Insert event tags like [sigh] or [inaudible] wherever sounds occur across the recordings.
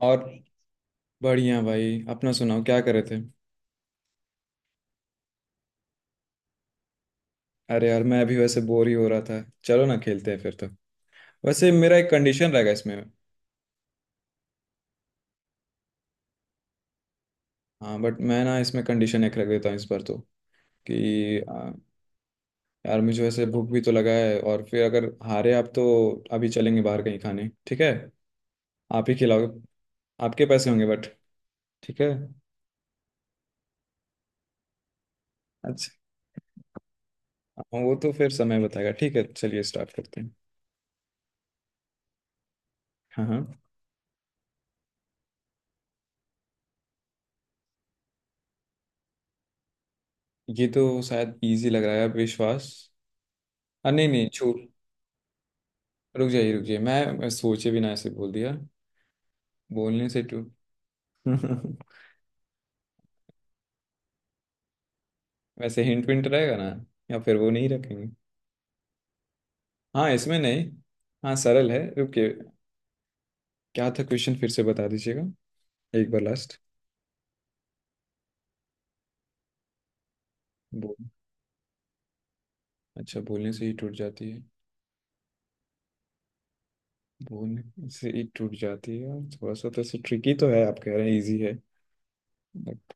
और। बढ़िया भाई, अपना सुनाओ, क्या कर रहे थे? अरे यार मैं अभी वैसे बोर ही हो रहा था। चलो ना, खेलते हैं फिर तो। वैसे मेरा एक कंडीशन रहेगा इसमें। हाँ बट मैं ना, इसमें कंडीशन एक रख देता हूँ इस बार तो। कि यार मुझे वैसे भूख भी तो लगा है, और फिर अगर हारे आप तो अभी चलेंगे बाहर कहीं खाने, ठीक है। आप ही खिलाओगे, आपके पैसे होंगे बट। ठीक है। अच्छा। हाँ, वो तो फिर समय बताएगा। ठीक है चलिए स्टार्ट करते हैं। हाँ हाँ। ये तो शायद इजी लग रहा है, विश्वास। नहीं नहीं, छू। रुक जाइए रुक जाइए, मैं सोचे भी ना ऐसे बोल दिया। बोलने से टू। [laughs] वैसे हिंट विंट रहेगा ना? या फिर वो नहीं रखेंगे? हाँ इसमें नहीं। हाँ सरल है, रुकिए। क्या था क्वेश्चन, फिर से बता दीजिएगा एक बार, लास्ट। बोल। अच्छा, बोलने से ही टूट जाती है। बोलने से ही टूट जाती है, थोड़ा सा तो ऐसे ट्रिकी तो है, आप कह रहे हैं इजी है। बट।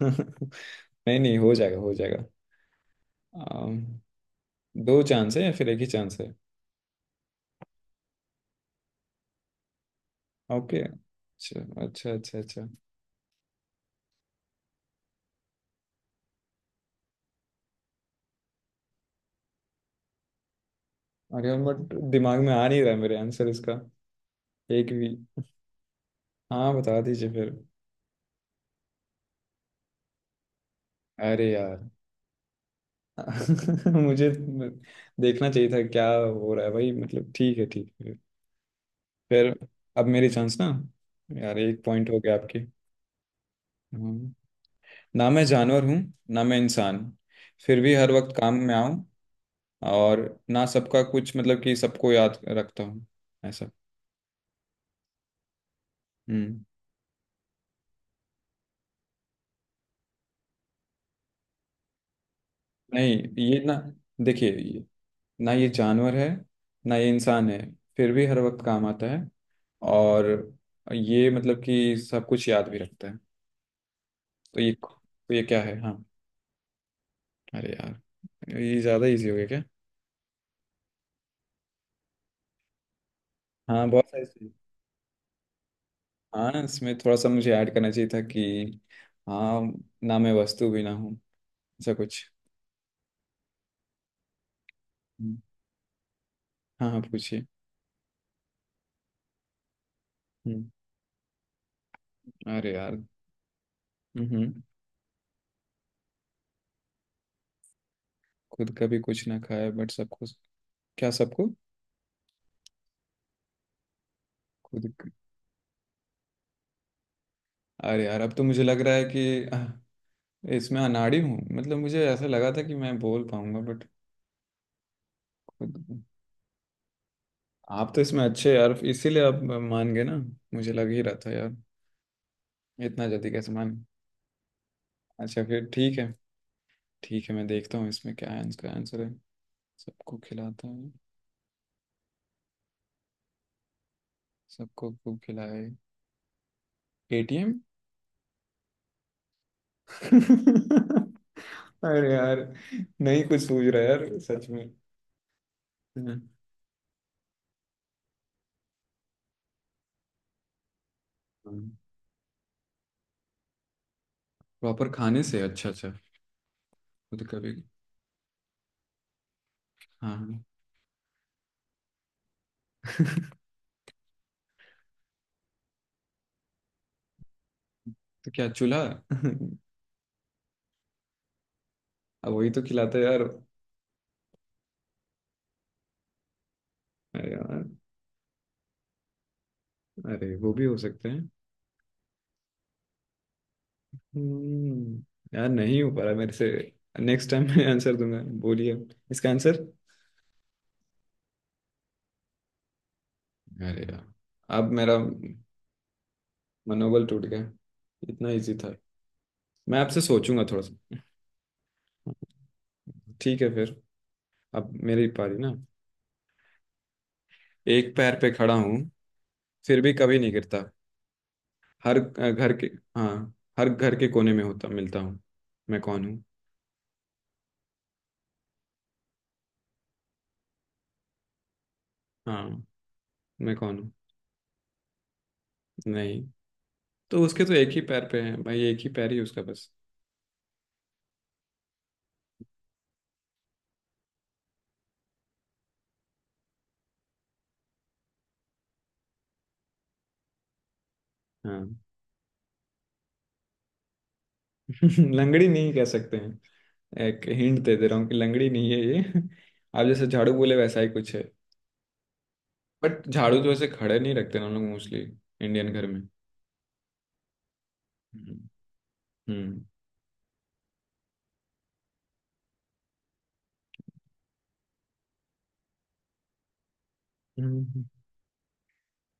[laughs] नहीं नहीं, हो जाएगा हो जाएगा। अम, दो चांस है या फिर एक ही चांस है? ओके। अच्छा अच्छा अच्छा अच्छा। अरे बट दिमाग में आ नहीं रहा है मेरे, आंसर इसका। एक भी। हाँ बता दीजिए फिर। अरे यार। [laughs] मुझे देखना चाहिए था क्या हो रहा है भाई, मतलब ठीक है ठीक है। फिर। अब मेरी चांस ना। यार एक पॉइंट हो गया आपकी। हम्म। ना मैं जानवर हूँ, ना मैं इंसान। फिर भी हर वक्त काम में आऊँ। और। ना सबका कुछ, मतलब कि सबको याद रखता हूँ। ऐसा। हम्म। नहीं। ये ना, देखिए। ना ये जानवर है, ना ये इंसान है। फिर भी हर वक्त काम आता है। और ये मतलब कि सब कुछ याद भी रखता है। तो ये क्या है, हाँ? अरे यार, ये ज़्यादा इजी हो गया क्या? हाँ, बहुत सारी चीज़। हाँ, इसमें थोड़ा सा मुझे ऐड करना चाहिए था कि। हाँ। ना मैं वस्तु भी ना हूँ, ऐसा कुछ। हम्म, हाँ हाँ, पूछिए। हम्म, अरे यार। हम्म। खुद कभी कुछ ना खाया, बट सबको, क्या सबको। खुद। अरे यार, अब तो मुझे लग रहा है कि इसमें अनाड़ी हूँ, मतलब मुझे ऐसा लगा था कि मैं बोल पाऊंगा बट। खुद। आप तो इसमें अच्छे यार, इसीलिए आप मान गए ना। मुझे लग ही रहा था यार। इतना जल्दी कैसे मान गए? अच्छा फिर ठीक है। ठीक है, मैं देखता हूँ इसमें क्या है। इसका आंसर है, सबको खिलाता है, सबको खूब खिलाए। एटीएम। [laughs] अरे यार, नहीं कुछ सूझ रहा है यार सच में। प्रॉपर खाने से, अच्छा अच्छा। खुद कभी, हाँ हाँ। [laughs] तो क्या, चूल्हा? [laughs] अब वही तो खिलाता है यार। अरे यार, अरे वो भी हो सकते हैं। हम्म, यार नहीं हो पा रहा मेरे से। नेक्स्ट टाइम मैं आंसर दूंगा। बोलिए इसका आंसर। अरे यार, अब मेरा मनोबल टूट गया। इतना इजी था। मैं आपसे सोचूंगा थोड़ा सा। ठीक है फिर। अब मेरी पारी ना। एक पैर पे खड़ा हूँ, फिर भी कभी नहीं गिरता। हर घर के। हाँ। हर घर के कोने में होता मिलता हूँ। मैं कौन हूँ? हाँ। मैं कौन हूँ? नहीं। तो उसके तो एक ही पैर पे है भाई, एक ही पैर ही उसका बस। हाँ। [laughs] लंगड़ी नहीं कह सकते हैं। एक हिंट दे दे रहा हूँ कि लंगड़ी नहीं है ये। [laughs] आप जैसे झाड़ू बोले, वैसा ही कुछ है। बट झाड़ू तो ऐसे खड़े नहीं रखते ना हम लोग, मोस्टली इंडियन घर में। हम्म। हम्म।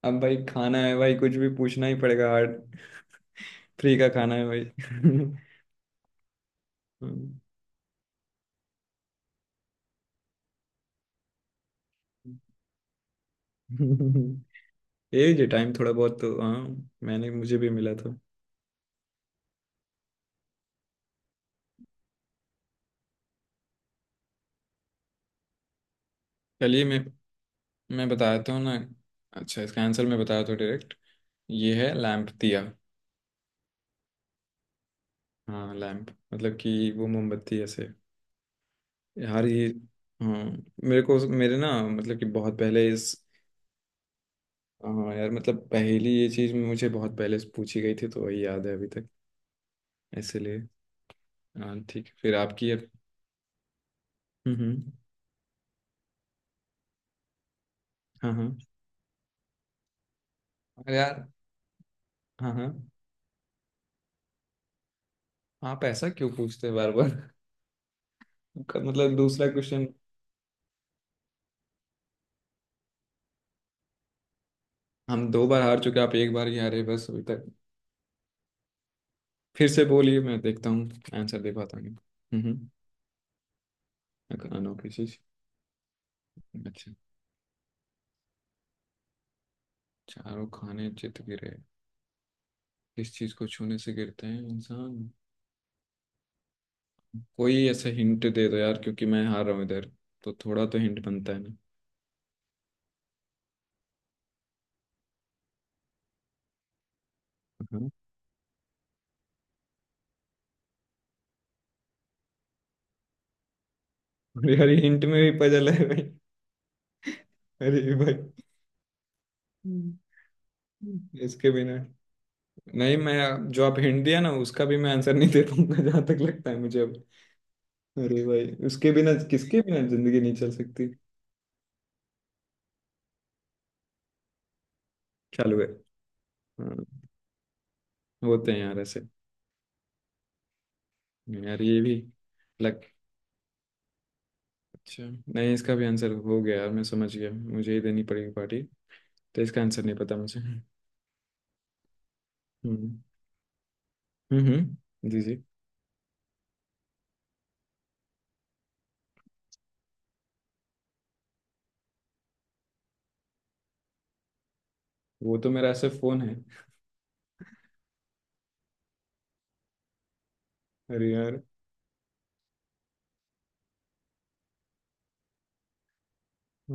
अब भाई, खाना है भाई, कुछ भी पूछना ही पड़ेगा हार्ड। फ्री का खाना है भाई। [laughs] ये जी टाइम थोड़ा बहुत तो, हाँ। मैंने, मुझे भी मिला था। चलिए मैं बताता हूँ ना। अच्छा, इसका आंसर मैं बताता हूँ डायरेक्ट। ये है लैम्प दिया। हाँ लैम्प, मतलब कि वो मोमबत्ती ऐसे। यार ये। हाँ। मेरे को मेरे ना, मतलब कि बहुत पहले इस। हाँ यार, मतलब पहली ये चीज़ मुझे बहुत पहले से पूछी गई थी तो वही याद है अभी तक। इसलिए। हाँ ठीक है, फिर आपकी है। हम्म। हाँ हाँ। अरे यार। हाँ हाँ। आप ऐसा क्यों पूछते हैं बार बार? [laughs] आपका मतलब दूसरा क्वेश्चन। हम दो बार हार चुके, आप एक बार ही हारे बस अभी तक। फिर से बोलिए, मैं देखता हूँ आंसर दे पाता हूँ। हम्म अनोखी चीज। अच्छा। चारों खाने चित गिरे। किस चीज को छूने से गिरते हैं इंसान? कोई ऐसा हिंट दे दो यार, क्योंकि मैं हार रहा हूँ इधर, तो थोड़ा तो हिंट बनता है ना। हाँ। अरे अरे, हिंट में भी पजल है भाई। अरे भाई। हम्म। इसके बिना। नहीं, मैं जो आप हिंट दिया ना, उसका भी मैं आंसर नहीं दे पाऊंगा जहां तक लगता है मुझे अब। अरे भाई, उसके बिना, किसके बिना जिंदगी नहीं चल सकती? चालू है। हाँ। होते हैं यार ऐसे। यार ये भी। लग। अच्छा। नहीं, इसका भी आंसर हो गया यार, मैं समझ गया, मुझे ही देनी पड़ेगी पार्टी। तो इसका आंसर नहीं पता मुझे। हम्म। जी जी। वो तो मेरा ऐसा फोन है। अरे यार।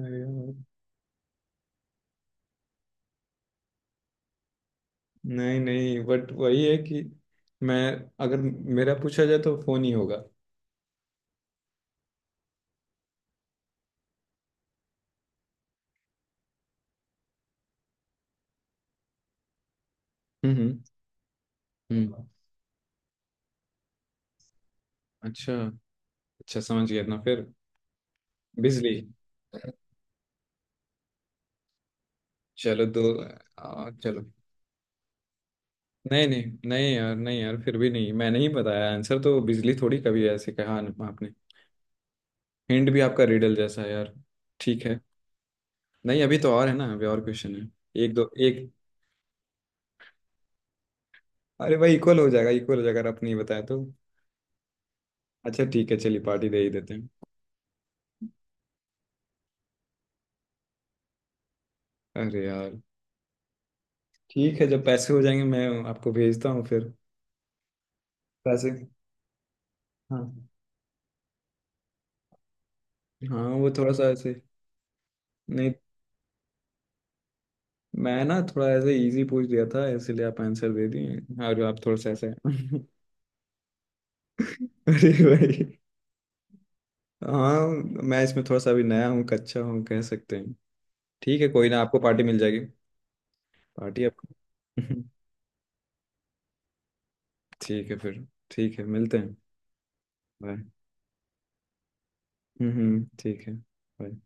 अरे यार, नहीं नहीं, बट वही है कि मैं, अगर मेरा पूछा जाए तो फोन ही होगा। हम्म। हम्म, अच्छा। अच्छा समझ गया ना फिर। बिजली। चलो दो। चलो। नहीं नहीं। नहीं यार, नहीं यार, फिर भी नहीं मैंने ही बताया आंसर तो, बिजली थोड़ी कभी ऐसे कहा आपने। हिंट भी आपका रिडल जैसा है यार। ठीक है। नहीं अभी तो और है ना, अभी और क्वेश्चन है। एक दो एक। अरे भाई, इक्वल हो जाएगा अगर आपने बताया तो। अच्छा ठीक है, चलिए पार्टी दे ही देते हैं। अरे यार। ठीक है, जब पैसे हो जाएंगे मैं आपको भेजता हूँ फिर। पैसे। हाँ। हाँ वो थोड़ा सा ऐसे। नहीं। मैं ना थोड़ा ऐसे इजी पूछ दिया था, इसलिए आप आंसर दे दिए। और आप थोड़ा सा ऐसे। [laughs] अरे भाई। हाँ। मैं इसमें थोड़ा सा अभी नया हूँ, कच्चा हूँ कह सकते हैं। ठीक है कोई ना, आपको पार्टी मिल जाएगी। पार्टी आपको। [laughs] ठीक है फिर। ठीक है मिलते हैं। बाय। ठीक है, बाय।